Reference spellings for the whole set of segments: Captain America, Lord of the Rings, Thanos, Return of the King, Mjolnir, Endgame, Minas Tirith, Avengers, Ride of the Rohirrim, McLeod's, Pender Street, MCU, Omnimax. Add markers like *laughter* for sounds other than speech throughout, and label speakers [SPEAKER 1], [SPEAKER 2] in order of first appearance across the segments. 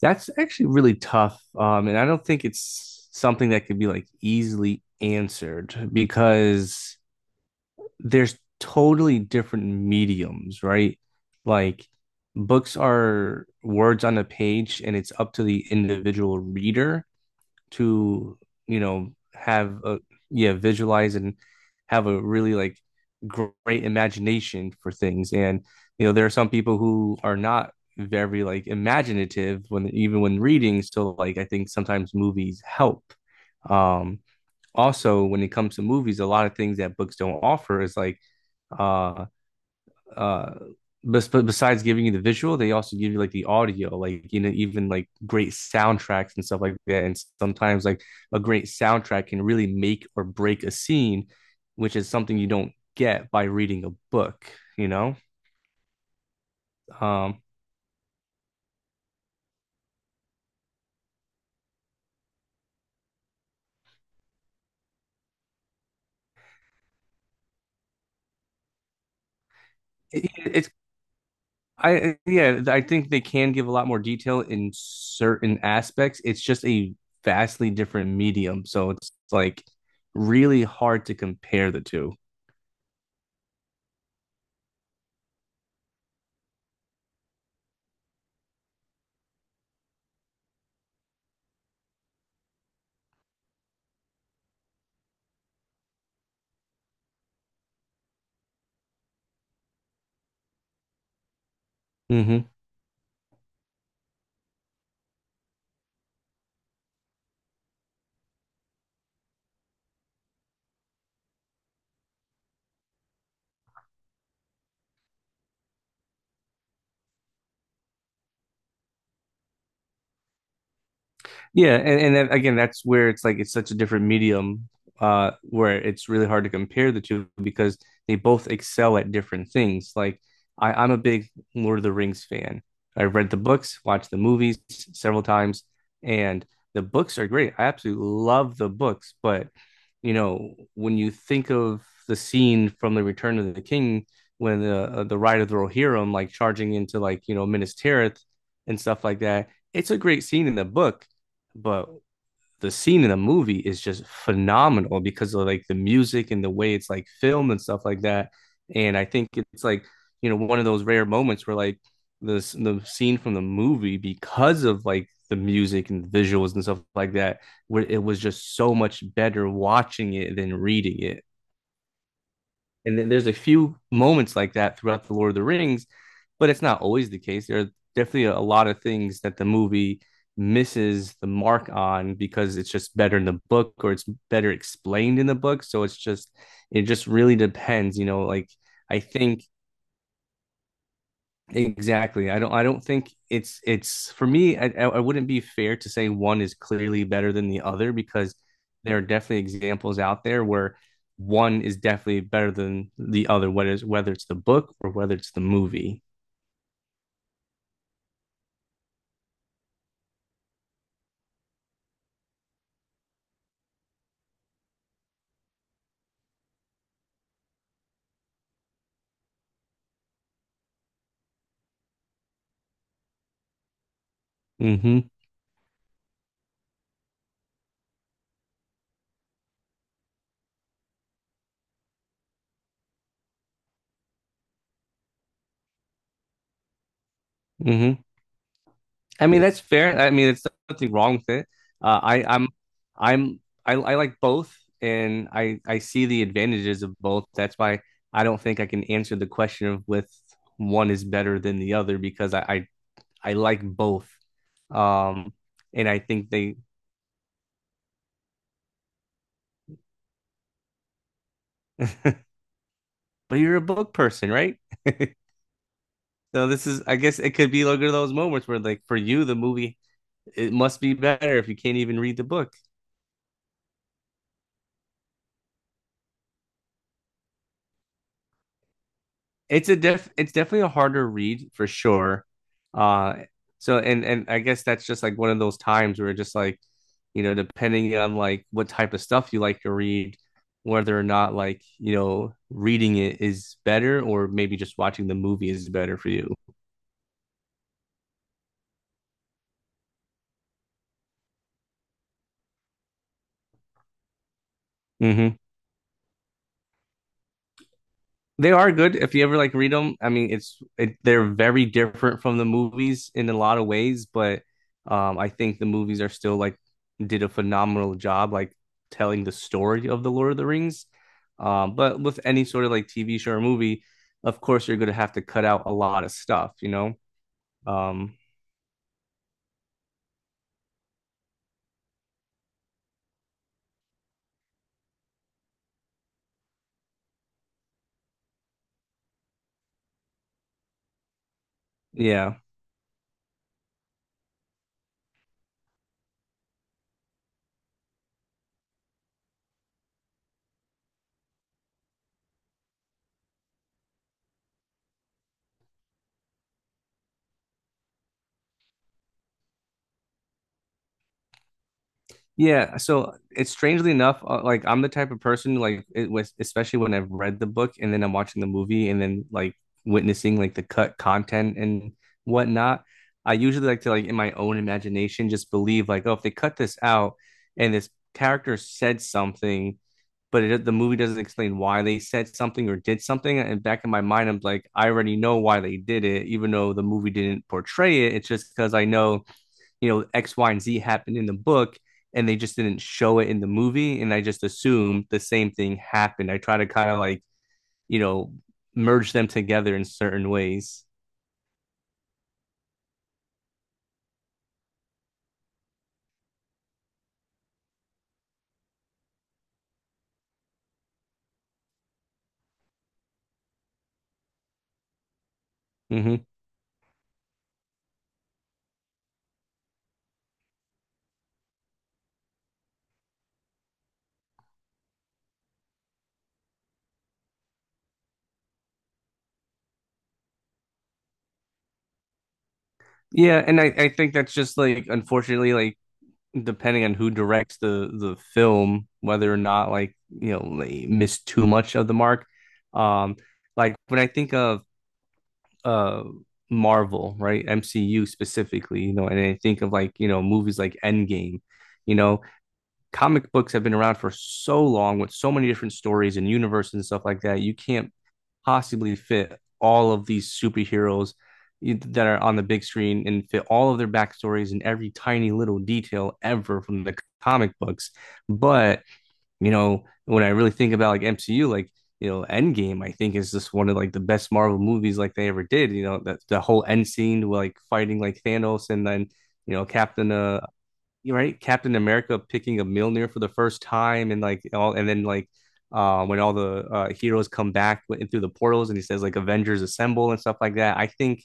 [SPEAKER 1] That's actually really tough. And I don't think it's something that could be like easily answered because there's totally different mediums, right? Like books are words on a page and it's up to the individual reader to have a yeah, visualize and have a really like great imagination for things. And you know there are some people who are not very like imaginative when even when reading, so like I think sometimes movies help. um Also when it comes to movies, a lot of things that books don't offer is like uh uh but besides giving you the visual, they also give you like the audio, like you know, even like great soundtracks and stuff like that. And sometimes like a great soundtrack can really make or break a scene, which is something you don't get by reading a book, you know? Um it's I, yeah, I think they can give a lot more detail in certain aspects. It's just a vastly different medium, so it's like really hard to compare the two. Mm-hmm. Yeah, and then, again, that's where it's like it's such a different medium, where it's really hard to compare the two because they both excel at different things. Like I'm a big Lord of the Rings fan. I've read the books, watched the movies several times, and the books are great. I absolutely love the books, but you know, when you think of the scene from the Return of the King, when the Ride of the Rohirrim like charging into like you know Minas Tirith and stuff like that, it's a great scene in the book, but the scene in the movie is just phenomenal because of like the music and the way it's like filmed and stuff like that. And I think it's like, you know, one of those rare moments where like this the scene from the movie, because of like the music and the visuals and stuff like that, where it was just so much better watching it than reading it. And then there's a few moments like that throughout the Lord of the Rings, but it's not always the case. There are definitely a lot of things that the movie misses the mark on because it's just better in the book or it's better explained in the book. So it's just, it just really depends, you know, like I think Exactly. I don't think it's for me, I wouldn't be fair to say one is clearly better than the other, because there are definitely examples out there where one is definitely better than the other, whether it's the book or whether it's the movie. Hmm. Hmm. I mean that's fair. I mean it's nothing wrong with it. I'm I'm I like both, and I see the advantages of both. That's why I don't think I can answer the question of with one is better than the other, because I I like both. Um, and I think they, *laughs* but you're a book person, right? *laughs* So this is, I guess, it could be like one of those moments where, like, for you, the movie it must be better if you can't even read the book. It's definitely a harder read for sure. Uh, so and I guess that's just like one of those times where just like, you know, depending on like what type of stuff you like to read, whether or not like you know reading it is better or maybe just watching the movie is better for you. Mm-hmm. They are good. If you ever like read them, I mean, it's it, they're very different from the movies in a lot of ways, but I think the movies are still like did a phenomenal job like telling the story of the Lord of the Rings. But with any sort of like TV show or movie, of course, you're going to have to cut out a lot of stuff, you know? Um, yeah. Yeah, so it's strangely enough, like I'm the type of person like it was especially when I've read the book and then I'm watching the movie and then like witnessing like the cut content and whatnot. I usually like to like in my own imagination just believe like oh if they cut this out and this character said something, but it, the movie doesn't explain why they said something or did something, and back in my mind I'm like I already know why they did it even though the movie didn't portray it. It's just because I know, you know, X, Y, and Z happened in the book and they just didn't show it in the movie. And I just assumed the same thing happened. I try to kind of like, you know, merge them together in certain ways. Hmm. Yeah. And I think that's just like, unfortunately, like, depending on who directs the film, whether or not like you know they miss too much of the mark. um like when I think of uh Marvel, right? MCU specifically, you know, and I think of like, you know, movies like Endgame, you know, comic books have been around for so long with so many different stories and universes and stuff like that. You can't possibly fit all of these superheroes that are on the big screen and fit all of their backstories and every tiny little detail ever from the comic books. But, you know, when I really think about like MCU, like, you know, Endgame, I think is just one of like the best Marvel movies like they ever did. You know, that the whole end scene, like fighting like Thanos and then, you know, Captain right, Captain America picking a Mjolnir for the first time, and like all, and then like when all the heroes come back in through the portals, and he says like Avengers assemble and stuff like that. I think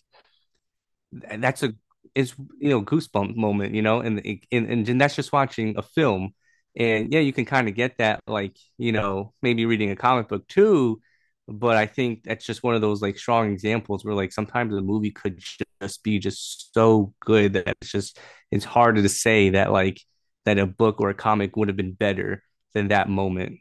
[SPEAKER 1] that's a it's you know goosebump moment, you know, and and that's just watching a film. And yeah, you can kind of get that, like you know, maybe reading a comic book too. But I think that's just one of those like strong examples where like sometimes the movie could just be just so good that it's just it's harder to say that like that a book or a comic would have been better than that moment.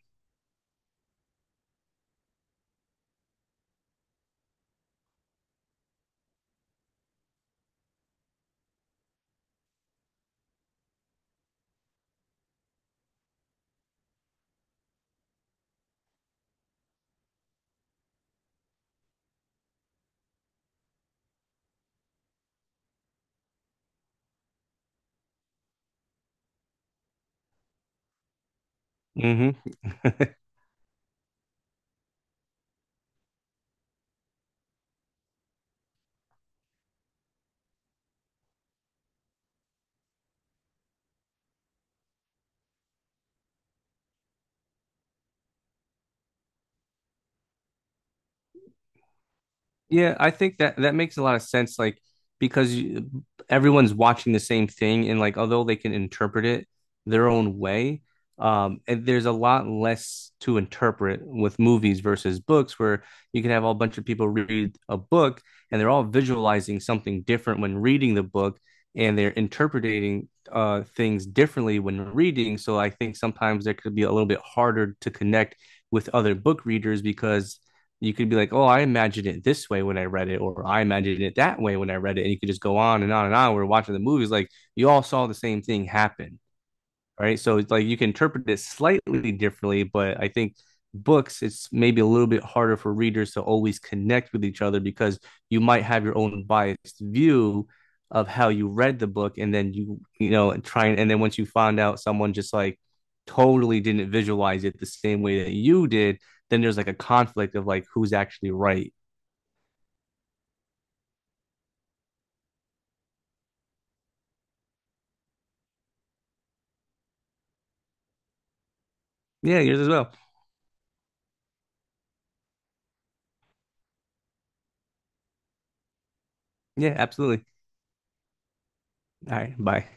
[SPEAKER 1] Mm-hmm. *laughs* Yeah, I think that that makes a lot of sense, like because you, everyone's watching the same thing, and like although they can interpret it their own way, and there's a lot less to interpret with movies versus books, where you can have a bunch of people read a book and they're all visualizing something different when reading the book, and they're interpreting things differently when reading. So I think sometimes there could be a little bit harder to connect with other book readers because you could be like, oh, I imagined it this way when I read it, or I imagined it that way when I read it. And you could just go on and on and on. We're watching the movies, like you all saw the same thing happen, right? So it's like you can interpret it slightly differently, but I think books, it's maybe a little bit harder for readers to always connect with each other because you might have your own biased view of how you read the book, and then and try and then once you find out someone just like totally didn't visualize it the same way that you did, then there's like a conflict of like who's actually right. Yeah, yours as well. Yeah, absolutely. All right, bye.